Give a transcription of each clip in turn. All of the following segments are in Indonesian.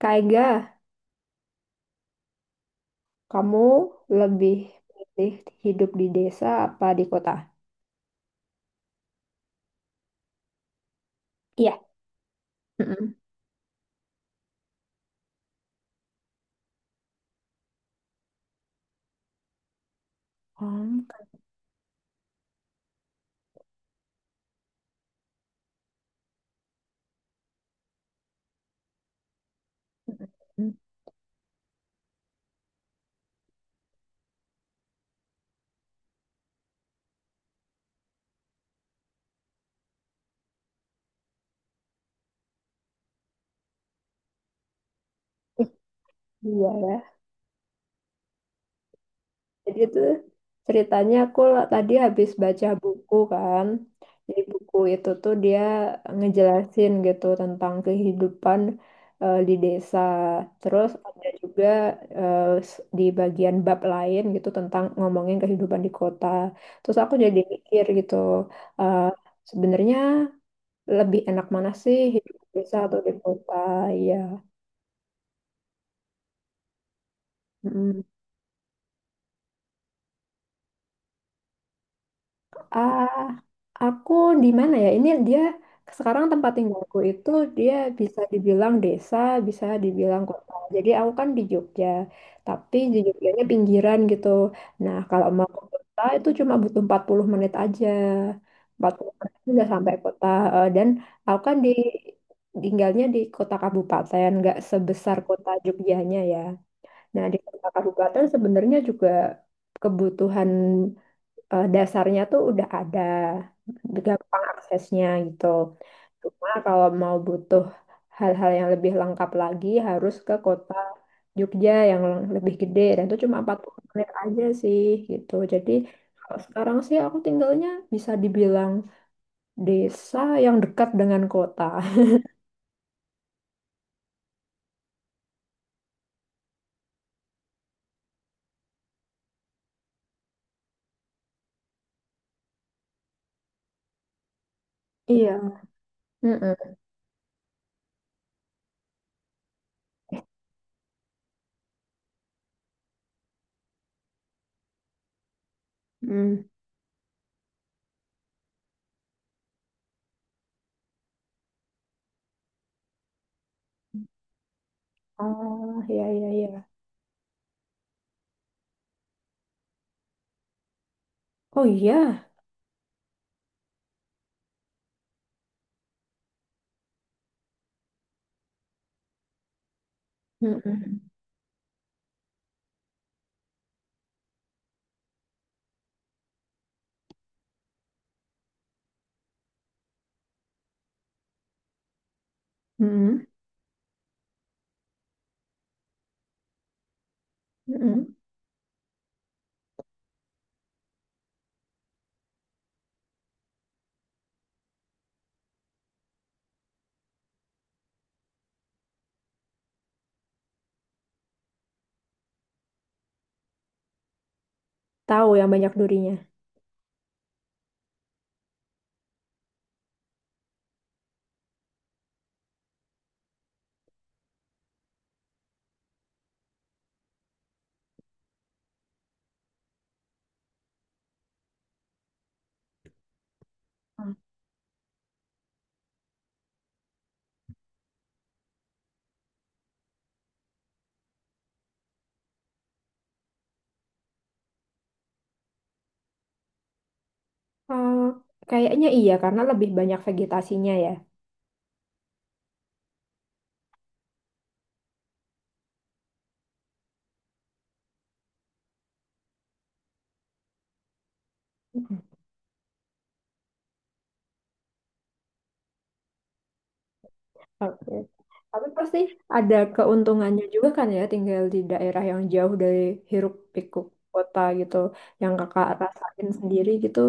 Kak Ega, kamu lebih pilih hidup di desa apa di kota? Iya. Mm-mm. Hmm. Iya ya. Jadi itu ceritanya aku tadi habis baca buku kan. Jadi buku itu tuh dia ngejelasin gitu tentang kehidupan di desa. Terus ada juga eh, di bagian bab lain gitu tentang ngomongin kehidupan di kota. Terus aku jadi mikir gitu, eh, sebenarnya lebih enak mana sih hidup di desa atau di kota? Ya. Mm. Ah, aku di mana ya? Ini dia sekarang tempat tinggalku itu dia bisa dibilang desa, bisa dibilang kota. Jadi aku kan di Jogja, tapi di Jogjanya pinggiran gitu. Nah, kalau mau ke kota itu cuma butuh 40 menit aja. 40 menit udah sampai kota. Dan aku kan tinggalnya di kota kabupaten, nggak sebesar kota Jogjanya ya. Nah, di kota kabupaten sebenarnya juga kebutuhan dasarnya tuh udah ada, gampang aksesnya gitu. Cuma kalau mau butuh hal-hal yang lebih lengkap lagi harus ke kota Jogja yang lebih gede dan itu cuma 40 menit aja sih gitu. Jadi kalau sekarang sih aku tinggalnya bisa dibilang desa yang dekat dengan kota. Iya. Mm-mm. Mm. Oh, iya, iya, iya. Oh iya. Mm-mm. Mm-mm. Mm-mm. Tahu yang banyak durinya. Hmm. Eh, kayaknya iya, karena lebih banyak vegetasinya ya. Oke. Tapi pasti ada keuntungannya juga kan ya, tinggal di daerah yang jauh dari hiruk pikuk kota gitu, yang kakak rasain sendiri gitu,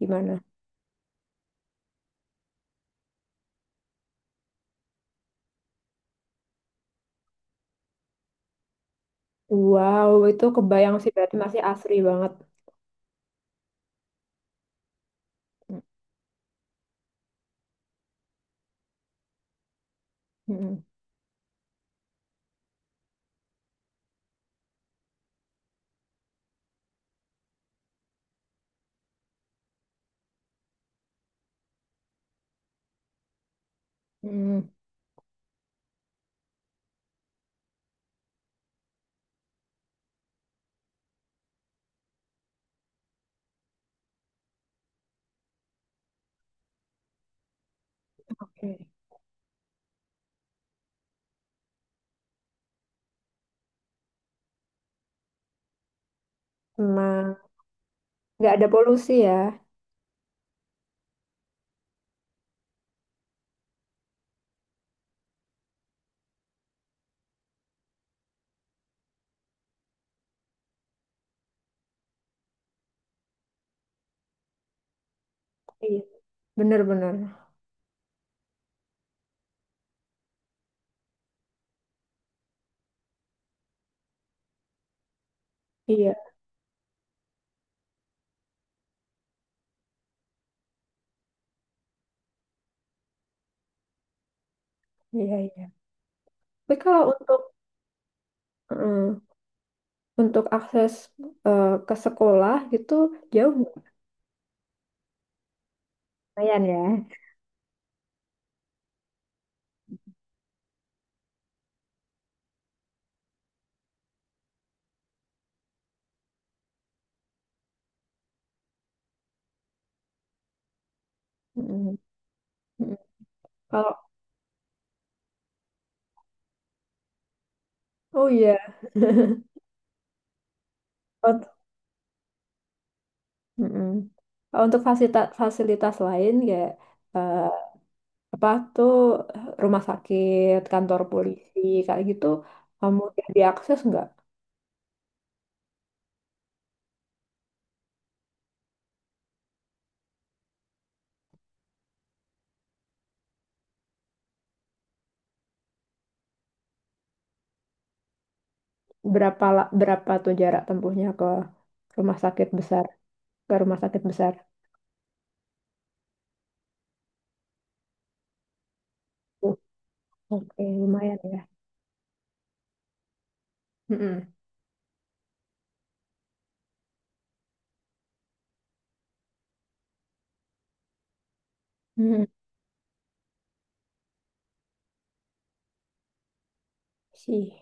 gimana? Wow, itu kebayang sih berarti masih asri banget. Mm-mm. Mm. Oke. Nah, nggak ada polusi ya. Iya. Bener-bener. Iya, iya, iya. Tapi kalau untuk Mm. untuk akses ke sekolah gitu jauh nggak? Lumayan ya. Mm-mm. Kalau, oh iya. Ut- mm-mm. Kalau untuk fasilitas fasilitas lain kayak eh, apa tuh rumah sakit, kantor polisi kayak gitu mudah diakses nggak? Berapa tuh jarak tempuhnya rumah sakit besar ke rumah sakit besar? Oh, oke, lumayan ya. Mm-mm. Mm, Sih,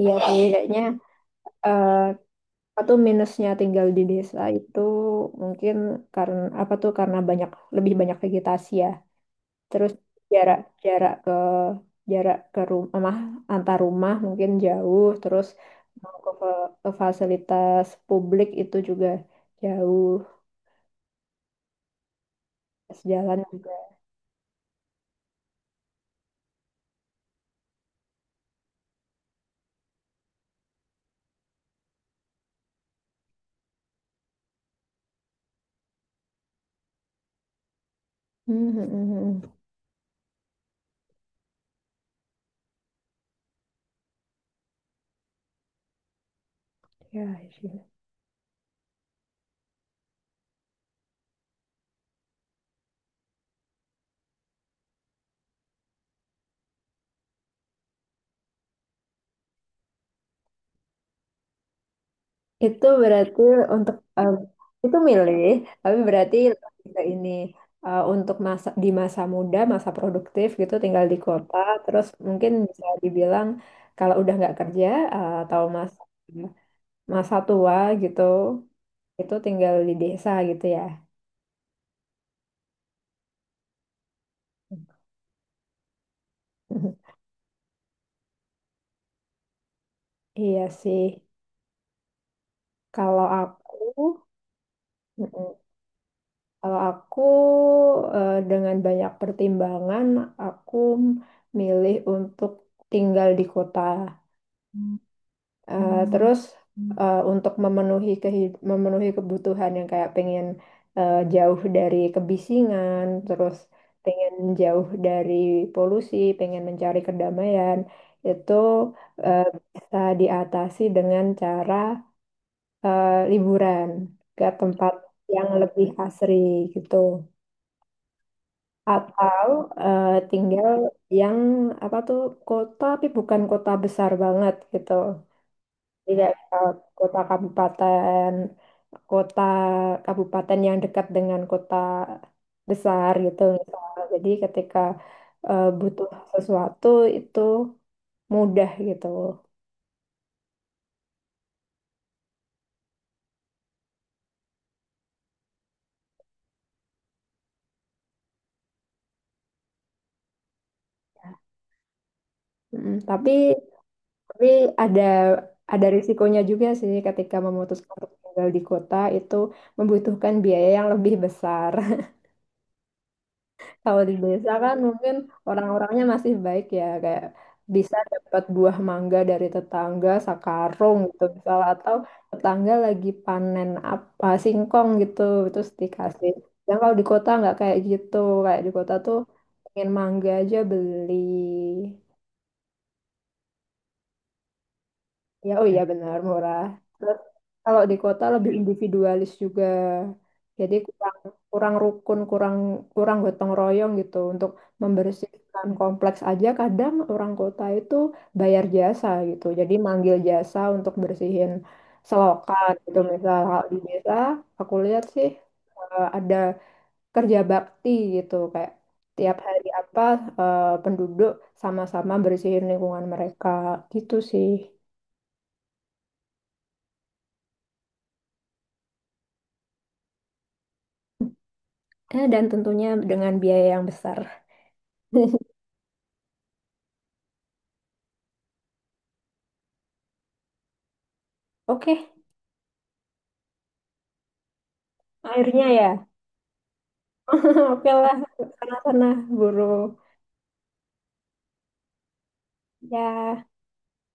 iya sih kayaknya. eh, Atau minusnya tinggal di desa itu mungkin karena apa tuh karena lebih banyak vegetasi ya. Terus jarak jarak ke jarak ke rumah antar rumah mungkin jauh. Terus mau ke fasilitas publik itu juga jauh. Pas jalan juga. Hmm, hmm, hmm, hmm. Ya, sih. Itu berarti untuk itu milih, tapi berarti lebih ke ini untuk masa di masa muda, masa produktif gitu, tinggal di kota, terus mungkin bisa dibilang kalau udah nggak kerja atau masa masa tua gitu, itu tinggal di desa gitu ya. Iya sih. Kalau aku, Mm-mm. kalau aku dengan banyak pertimbangan, aku milih untuk tinggal di kota. Terus untuk memenuhi kehid- memenuhi kebutuhan yang kayak pengen jauh dari kebisingan, terus pengen jauh dari polusi, pengen mencari kedamaian, itu eh, bisa diatasi dengan cara liburan ke tempat yang lebih asri gitu. Atau tinggal yang apa tuh kota tapi bukan kota besar banget gitu. Tidak kota kabupaten, kota kabupaten yang dekat dengan kota besar gitu, misal. Jadi ketika butuh sesuatu itu mudah gitu. Mm, tapi tapi ada ada risikonya juga sih ketika memutuskan untuk tinggal di kota itu membutuhkan biaya yang lebih besar. Kalau di desa kan mungkin orang-orangnya masih baik ya, kayak bisa dapat buah mangga dari tetangga sakarung gitu misal atau tetangga lagi panen apa singkong gitu terus dikasih. Dan kalau di kota nggak kayak gitu, kayak di kota tuh pengen mangga aja beli. Ya, oh iya benar murah. Terus kalau di kota lebih individualis juga. Jadi kurang kurang rukun, kurang kurang gotong royong gitu untuk membersihkan kompleks aja kadang orang kota itu bayar jasa gitu. Jadi manggil jasa untuk bersihin selokan gitu misal kalau di desa aku lihat sih ada kerja bakti gitu kayak tiap hari apa penduduk sama-sama bersihin lingkungan mereka gitu sih. Dan tentunya dengan biaya yang besar. Oke, akhirnya ya. Oke lah, sana-sana, buru. Ya.